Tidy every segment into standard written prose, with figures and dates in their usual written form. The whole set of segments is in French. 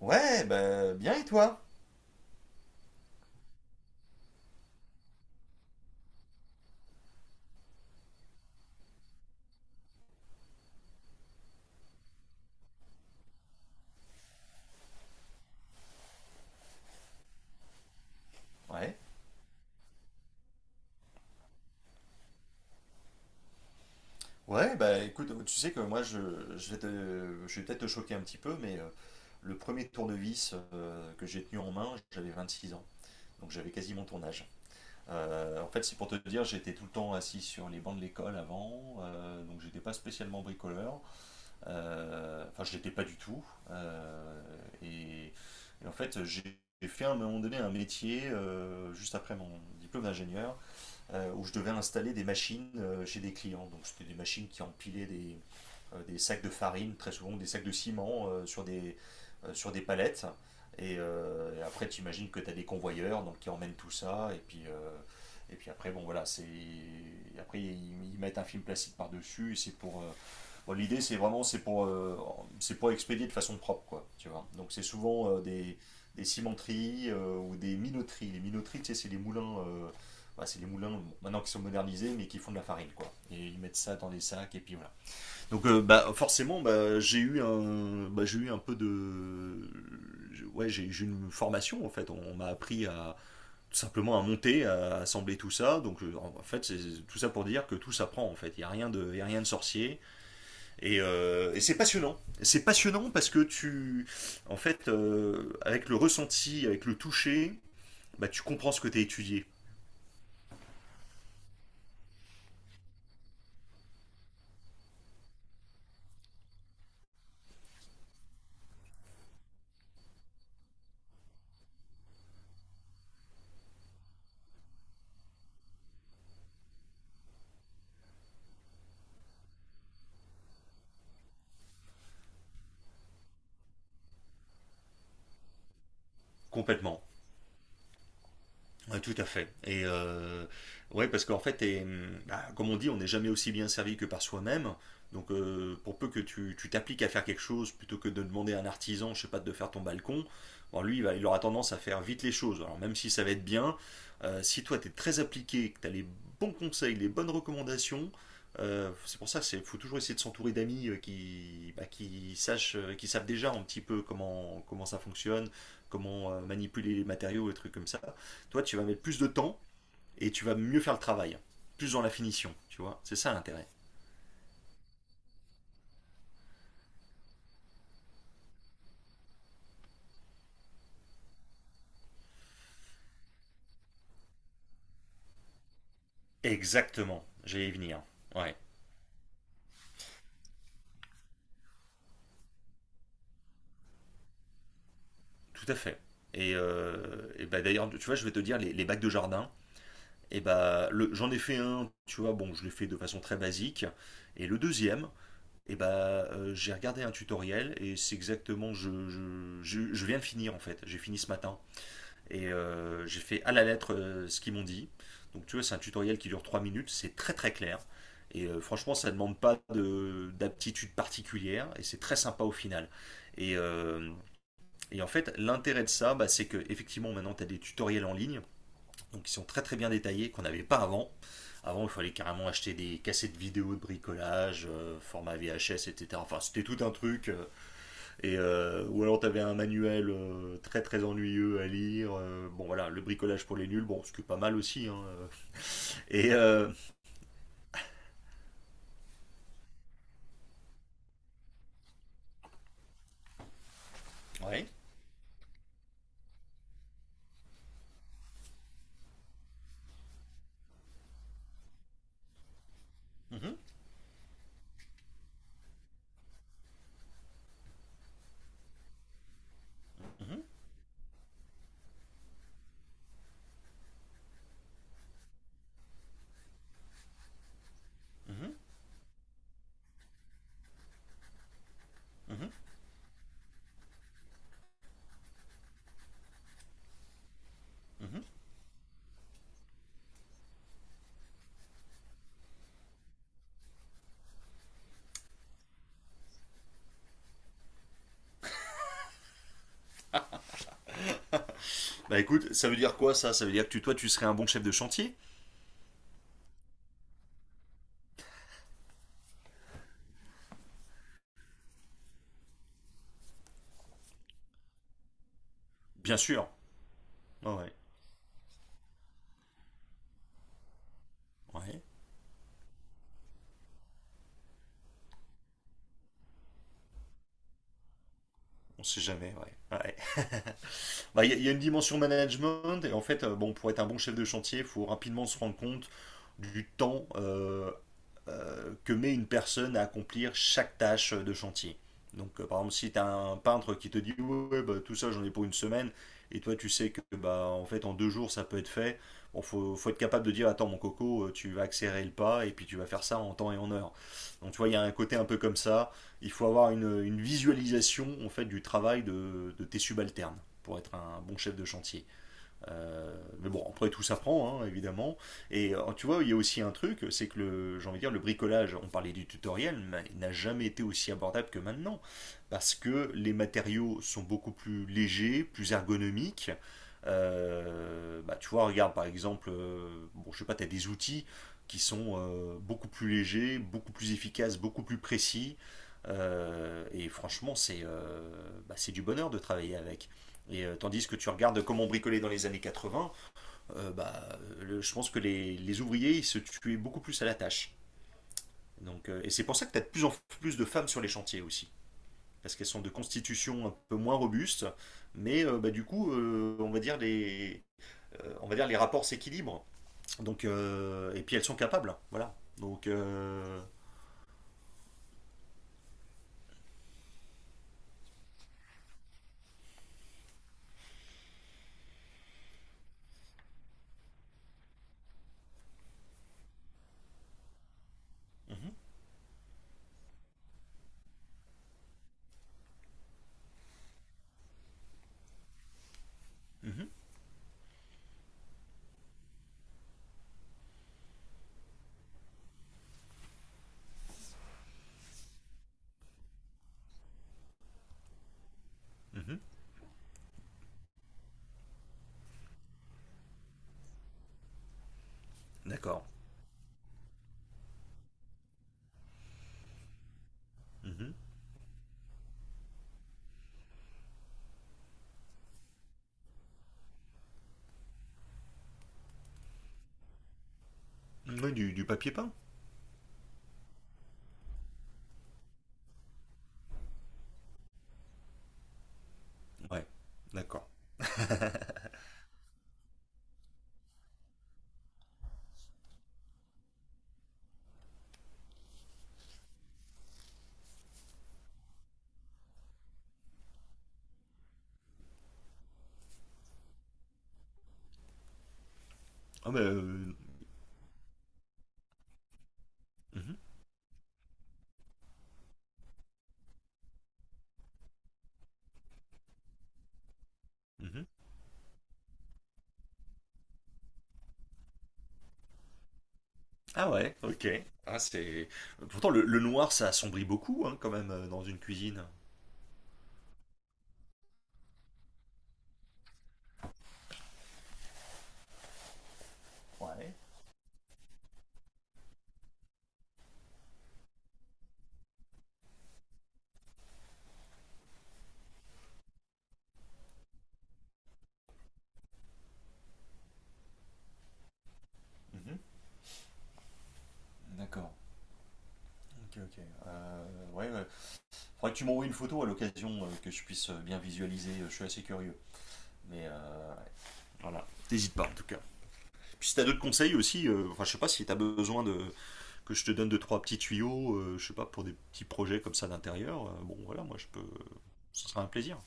Ouais, bah bien et toi? Ouais. Ouais, bah écoute, tu sais que moi je vais peut-être te choquer un petit peu, mais le premier tournevis que j'ai tenu en main, j'avais 26 ans, donc j'avais quasiment mon ton âge. En fait, c'est pour te dire, j'étais tout le temps assis sur les bancs de l'école avant, donc j'étais pas spécialement bricoleur, enfin je l'étais pas du tout. Euh, et, et en fait j'ai fait à un moment donné un métier juste après mon diplôme d'ingénieur où je devais installer des machines chez des clients. Donc c'était des machines qui empilaient des sacs de farine, très souvent des sacs de ciment sur des palettes. Et après, tu imagines que tu as des convoyeurs donc, qui emmènent tout ça. Et puis après, bon voilà, c'est. Après, ils mettent un film plastique par-dessus et c'est pour, bon, l'idée, c'est vraiment, c'est pour expédier de façon propre, quoi, tu vois. Donc, c'est souvent des cimenteries ou des minoteries. Les minoteries, tu sais, c'est les moulins, bah, c'est les moulins, bon, maintenant qui sont modernisés, mais qui font de la farine, quoi. Et ils mettent ça dans des sacs, et puis voilà. Donc, bah, forcément, bah, j'ai eu un, bah, j'ai eu un peu de, ouais, j'ai eu une formation, en fait. On m'a appris à, tout simplement à monter, à assembler tout ça. Donc, en fait, c'est tout ça pour dire que tout s'apprend, en fait. Il y a rien de, il y a rien de sorcier. Et c'est passionnant. C'est passionnant parce que tu, en fait, avec le ressenti, avec le toucher, bah, tu comprends ce que tu as étudié complètement. Ouais, tout à fait. Et ouais, parce qu'en fait, t'es, bah, comme on dit, on n'est jamais aussi bien servi que par soi-même. Donc, pour peu que tu t'appliques à faire quelque chose, plutôt que de demander à un artisan, je sais pas, de faire ton balcon, bon, lui, il aura tendance à faire vite les choses. Alors, même si ça va être bien, si toi, tu es très appliqué, que tu as les bons conseils, les bonnes recommandations, c'est pour ça qu'il faut toujours essayer de s'entourer d'amis qui, bah, qui savent déjà un petit peu comment ça fonctionne, comment manipuler les matériaux et trucs comme ça. Toi, tu vas mettre plus de temps et tu vas mieux faire le travail. Plus dans la finition, tu vois. C'est ça l'intérêt. Exactement. J'allais y venir. Ouais, tout à fait. Et bah, d'ailleurs, tu vois, je vais te dire, les bacs de jardin, et bah, j'en ai fait un, tu vois, bon, je l'ai fait de façon très basique. Et le deuxième, et bah, j'ai regardé un tutoriel et c'est exactement, je viens de finir en fait. J'ai fini ce matin. Et j'ai fait à la lettre ce qu'ils m'ont dit. Donc tu vois, c'est un tutoriel qui dure 3 minutes, c'est très très clair. Et franchement, ça ne demande pas d'aptitude particulière et c'est très sympa au final. Et, euh, et en fait, l'intérêt de ça, bah, c'est que effectivement maintenant, tu as des tutoriels en ligne donc, qui sont très très bien détaillés, qu'on n'avait pas avant. Avant, il fallait carrément acheter des cassettes vidéo de bricolage, format VHS, etc. Enfin, c'était tout un truc. Ou alors t'avais un manuel très très ennuyeux à lire. Bon, voilà, le bricolage pour les nuls, bon, ce qui est pas mal aussi, hein. Et ouais. Mhm, mhm, mhm, mhm, mhm. Bah écoute, ça veut dire quoi, ça? Ça veut dire que toi, tu serais un bon chef de chantier? Bien sûr. Ouais, ouais. Ouais. On sait jamais, ouais. Ouais. Bah, il y a une dimension management et en fait, bon, pour être un bon chef de chantier, il faut rapidement se rendre compte du temps, que met une personne à accomplir chaque tâche de chantier. Donc, par exemple, si tu as un peintre qui te dit: ouais, ouais, bah, tout ça, j'en ai pour une semaine, et toi, tu sais que bah, en fait, en 2 jours, ça peut être fait. Bon, faut être capable de dire: attends, mon coco, tu vas accélérer le pas, et puis tu vas faire ça en temps et en heure. Donc, tu vois, il y a un côté un peu comme ça. Il faut avoir une visualisation en fait, du travail de tes subalternes pour être un bon chef de chantier. Euh, mais bon, après tout s'apprend, hein, évidemment. Et tu vois, il y a aussi un truc, c'est que le, j'ai envie de dire, le bricolage, on parlait du tutoriel, mais il n'a jamais été aussi abordable que maintenant, parce que les matériaux sont beaucoup plus légers, plus ergonomiques. Bah, tu vois, regarde par exemple, bon, je sais pas, tu as des outils qui sont beaucoup plus légers, beaucoup plus efficaces, beaucoup plus précis. Et franchement, c'est du bonheur de travailler avec. Et tandis que tu regardes comment on bricolait dans les années 80, bah, je pense que les ouvriers ils se tuaient beaucoup plus à la tâche. Donc, et c'est pour ça que tu as de plus en plus de femmes sur les chantiers aussi. Parce qu'elles sont de constitution un peu moins robuste, mais bah, du coup, on va dire les rapports s'équilibrent. Donc, et puis elles sont capables, voilà. Donc, mhm, mhm, mhm, d'accord. Mhm. Ouais, du papier peint. Ouais, d'accord. Ah bah, mhm, mhm. Ah ouais, ok. Ah, c'est... Pourtant, le noir, ça assombrit beaucoup, hein, quand même, dans une cuisine. Ouais. Mhm. D'accord. Ok, ok. Ouais, ouais. Faudrait que tu m'envoies une photo à l'occasion, que je puisse bien visualiser. Je suis assez curieux. Mais, voilà. T'hésites pas, en tout cas. Puis si t'as d'autres conseils aussi, enfin, je sais pas si t'as besoin de que je te donne deux, trois petits tuyaux, je sais pas, pour des petits projets comme ça d'intérieur, bon, voilà, moi, je peux... Ce sera un plaisir.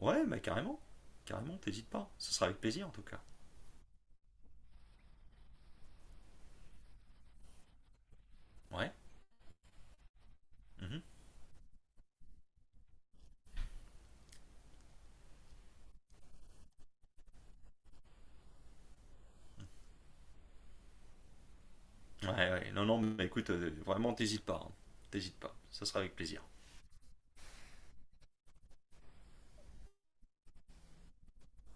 Ouais, mais carrément. Carrément, t'hésites pas. Ce sera avec plaisir, en tout cas. Ouais. Mhm. Ouais, ouais. Non, non, mais écoute, vraiment, t'hésites pas, hein. T'hésites pas. Ça sera avec plaisir.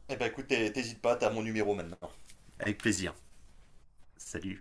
Eh ben écoute, t'hésites pas, t'as mon numéro maintenant. Avec plaisir. Salut.